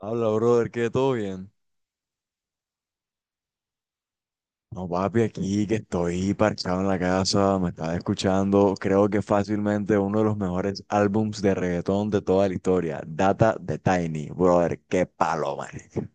Habla, brother, que todo bien. No, papi, aquí que estoy parchado en la casa, me estaba escuchando, creo que fácilmente uno de los mejores álbums de reggaetón de toda la historia, Data de Tiny, brother, qué palo, marica.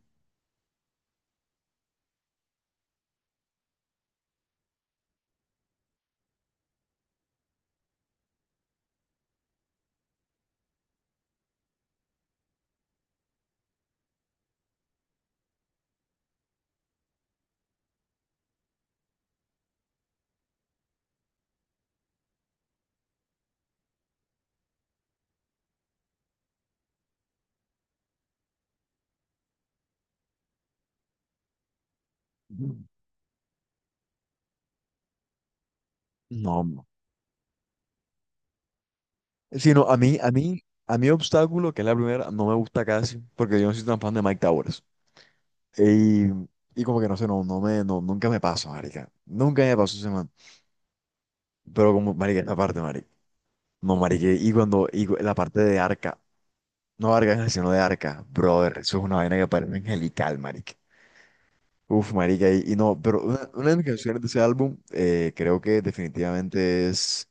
No, no. Sino a mí Obstáculo, que es la primera, no me gusta casi, porque yo no soy tan fan de Mike Towers. Y, y como que no sé, no, no me, no, nunca me pasa, marica. Nunca me pasó ese man. Pero como, marica, esa parte, marica. No, marica, la parte de Arca. No de Arcángel, sino de Arca, brother. Eso es una vaina que parece angelical, marica. Uf, marica, y no, pero una de mis canciones de ese álbum, creo que definitivamente es,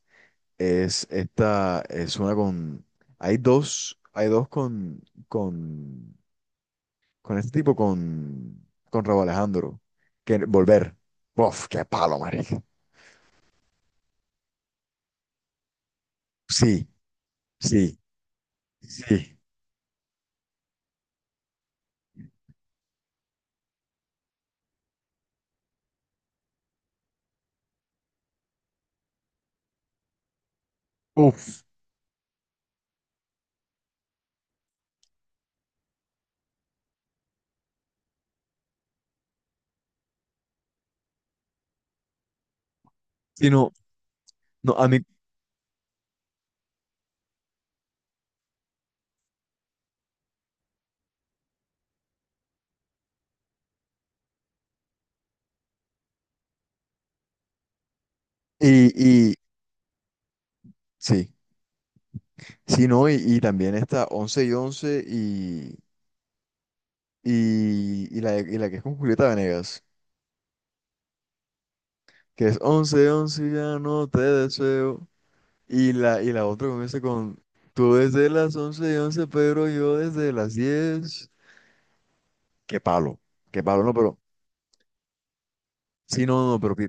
es esta, es una con, hay dos, con, con este tipo, con Rauw Alejandro, que Volver. Uf, qué palo, marica. Sí, sí, sí. Uf, sí, no, no, y, y, sí. Sí, no, y también esta 11 y 11 y la que es con Julieta Venegas, que es 11 11 ya no te deseo. Y la otra comienza con tú desde las 11 y 11 pero yo desde las diez. Qué palo, qué palo, no, pero sí, no, no,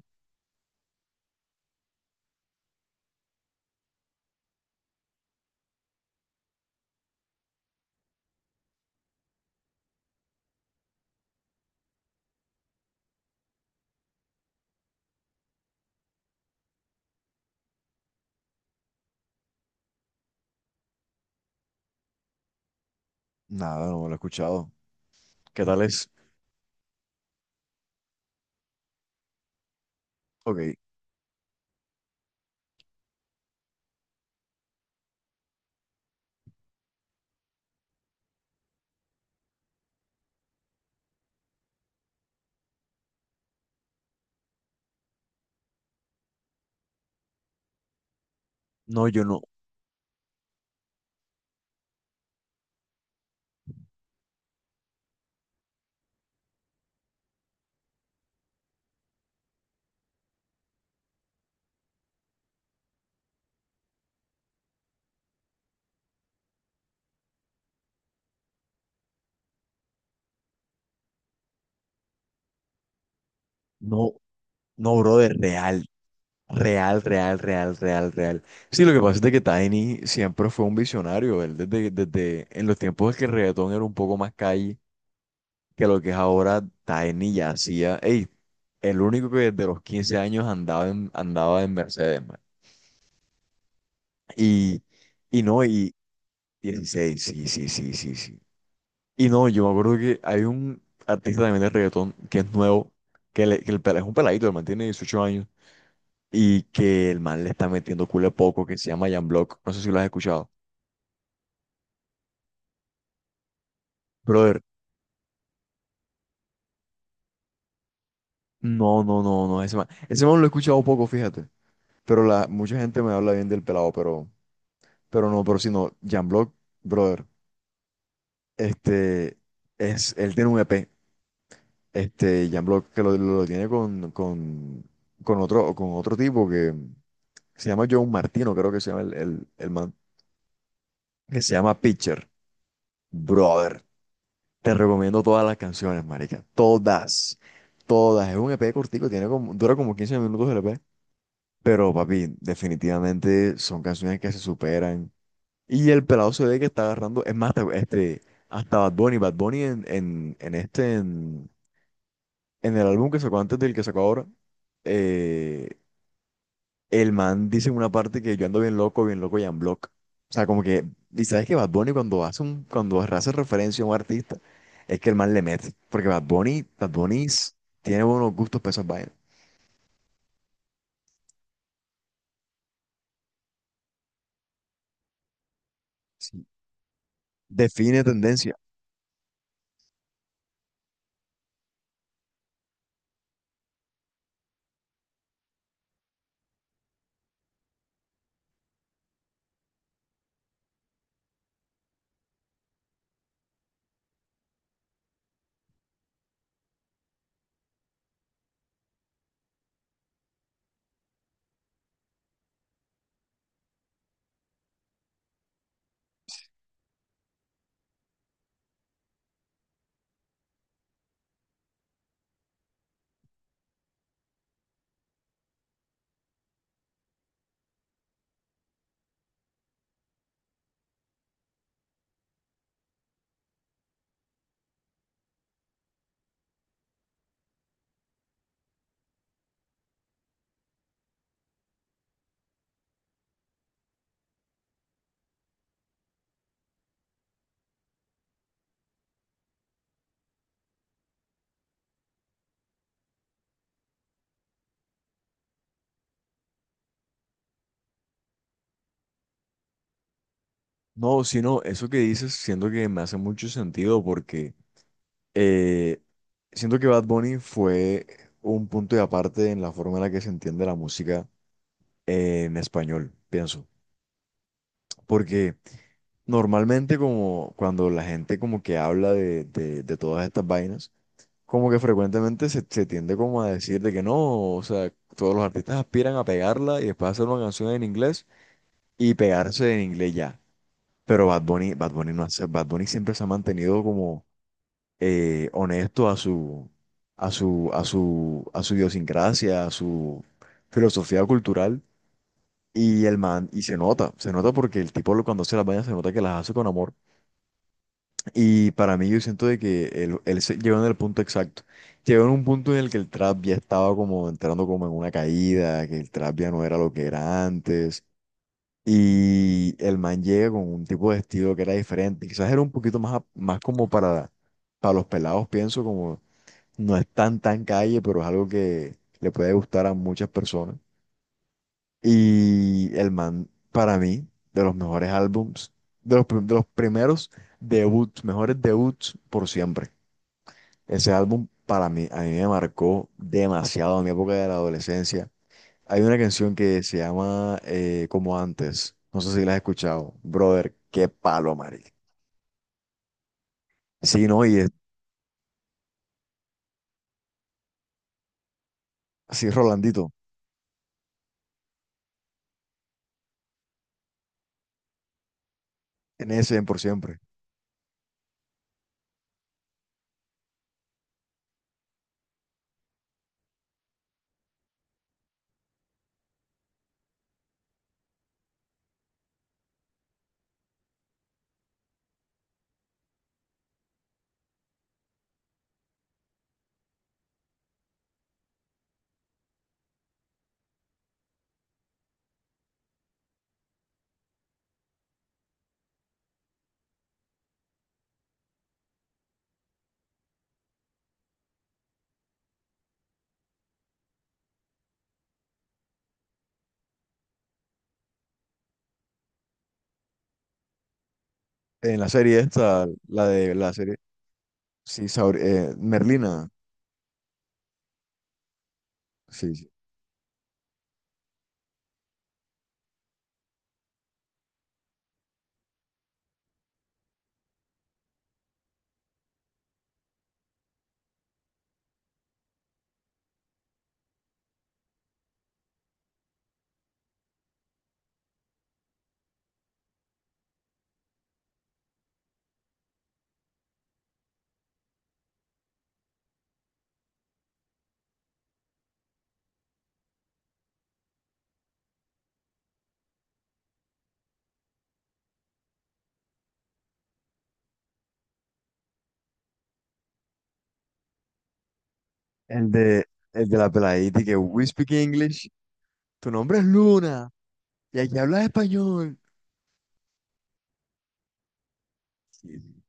nada, no lo he escuchado. ¿Qué tal es? Ok, no, yo no, no, no, brother, real, real, real, real, real, real. Sí, lo que pasa es de que Tiny siempre fue un visionario, él desde, en los tiempos en que el reggaetón era un poco más calle que lo que es ahora Tiny ya hacía, ey, el único que desde los 15 años andaba en, andaba en Mercedes, man. Y, no, y 16, sí, sí, sí, sí, sí. Y no, yo me acuerdo que hay un artista también de reggaetón que es nuevo, que, le- que el, pela- es un peladito, el man tiene 18 años, y que el man le está metiendo culo de poco, que se llama Jan Block, no sé si lo has escuchado. Brother, no, no, no, no, ese man, lo he escuchado poco, fíjate, pero la, mucha gente me habla bien del pelado, pero... Pero no, pero si no, Jan Block, brother, este, es, él tiene un EP, este, Jan Block, que lo, tiene con, con otro, tipo que se llama John Martino, creo que se llama el man, que se llama Pitcher. Brother, te recomiendo todas las canciones, marica, todas, todas. Es un EP cortico, tiene como, dura como 15 minutos el EP, pero papi, definitivamente son canciones que se superan. Y el pelado se ve que está agarrando, es más, este, hasta Bad Bunny, en este, en el álbum que sacó antes del que sacó ahora, eh, el man dice en una parte que yo ando bien loco y en block. O sea, como que, y sabes que Bad Bunny cuando hace un, cuando hace referencia a un artista, es que el man le mete, porque Bad Bunny, tiene buenos gustos para esas vainas. Sí. Define tendencia. No, sino eso que dices, siento que me hace mucho sentido porque eh, siento que Bad Bunny fue un punto de aparte en la forma en la que se entiende la música en español, pienso. Porque normalmente como cuando la gente como que habla de todas estas vainas, como que frecuentemente se, se tiende como a decir de que no, o sea, todos los artistas aspiran a pegarla y después hacer una canción en inglés y pegarse en inglés ya. Pero Bad Bunny, Bad Bunny no hace, Bad Bunny siempre se ha mantenido como honesto a su, a su, a su, a su idiosincrasia, a su filosofía cultural. Y el man, y se nota porque el tipo cuando hace las vainas se nota que las hace con amor. Y para mí yo siento de que él llegó en el punto exacto. Llegó en un punto en el que el trap ya estaba como entrando como en una caída, que el trap ya no era lo que era antes. Y el man llega con un tipo de estilo que era diferente. Quizás era un poquito más, más como para los pelados, pienso, como no es tan tan calle, pero es algo que le puede gustar a muchas personas. Y el man, para mí, de los mejores álbums, de los, de los primeros debuts, mejores debuts por siempre. Ese álbum para mí, a mí me marcó demasiado en mi época de la adolescencia. Hay una canción que se llama Como antes, no sé si la has escuchado. Brother, qué palo, marica. Sí, no, y es así, Rolandito, en ese, en por siempre. En la serie esta, la de la serie. Sí, Merlina, sí, sí. El de, el de la peladita y que we speak English, tu nombre es Luna y aquí hablas español. Sí, sí.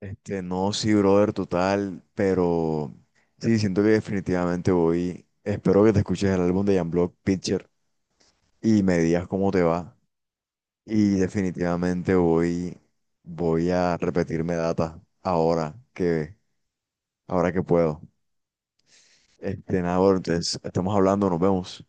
Este, no, sí, brother, total, pero sí, siento que definitivamente voy. Espero que te escuches el álbum de Jamblog Picture y me digas cómo te va. Y definitivamente voy, voy a repetirme data ahora que puedo. Este, nada, brother, entonces, estamos hablando, nos vemos.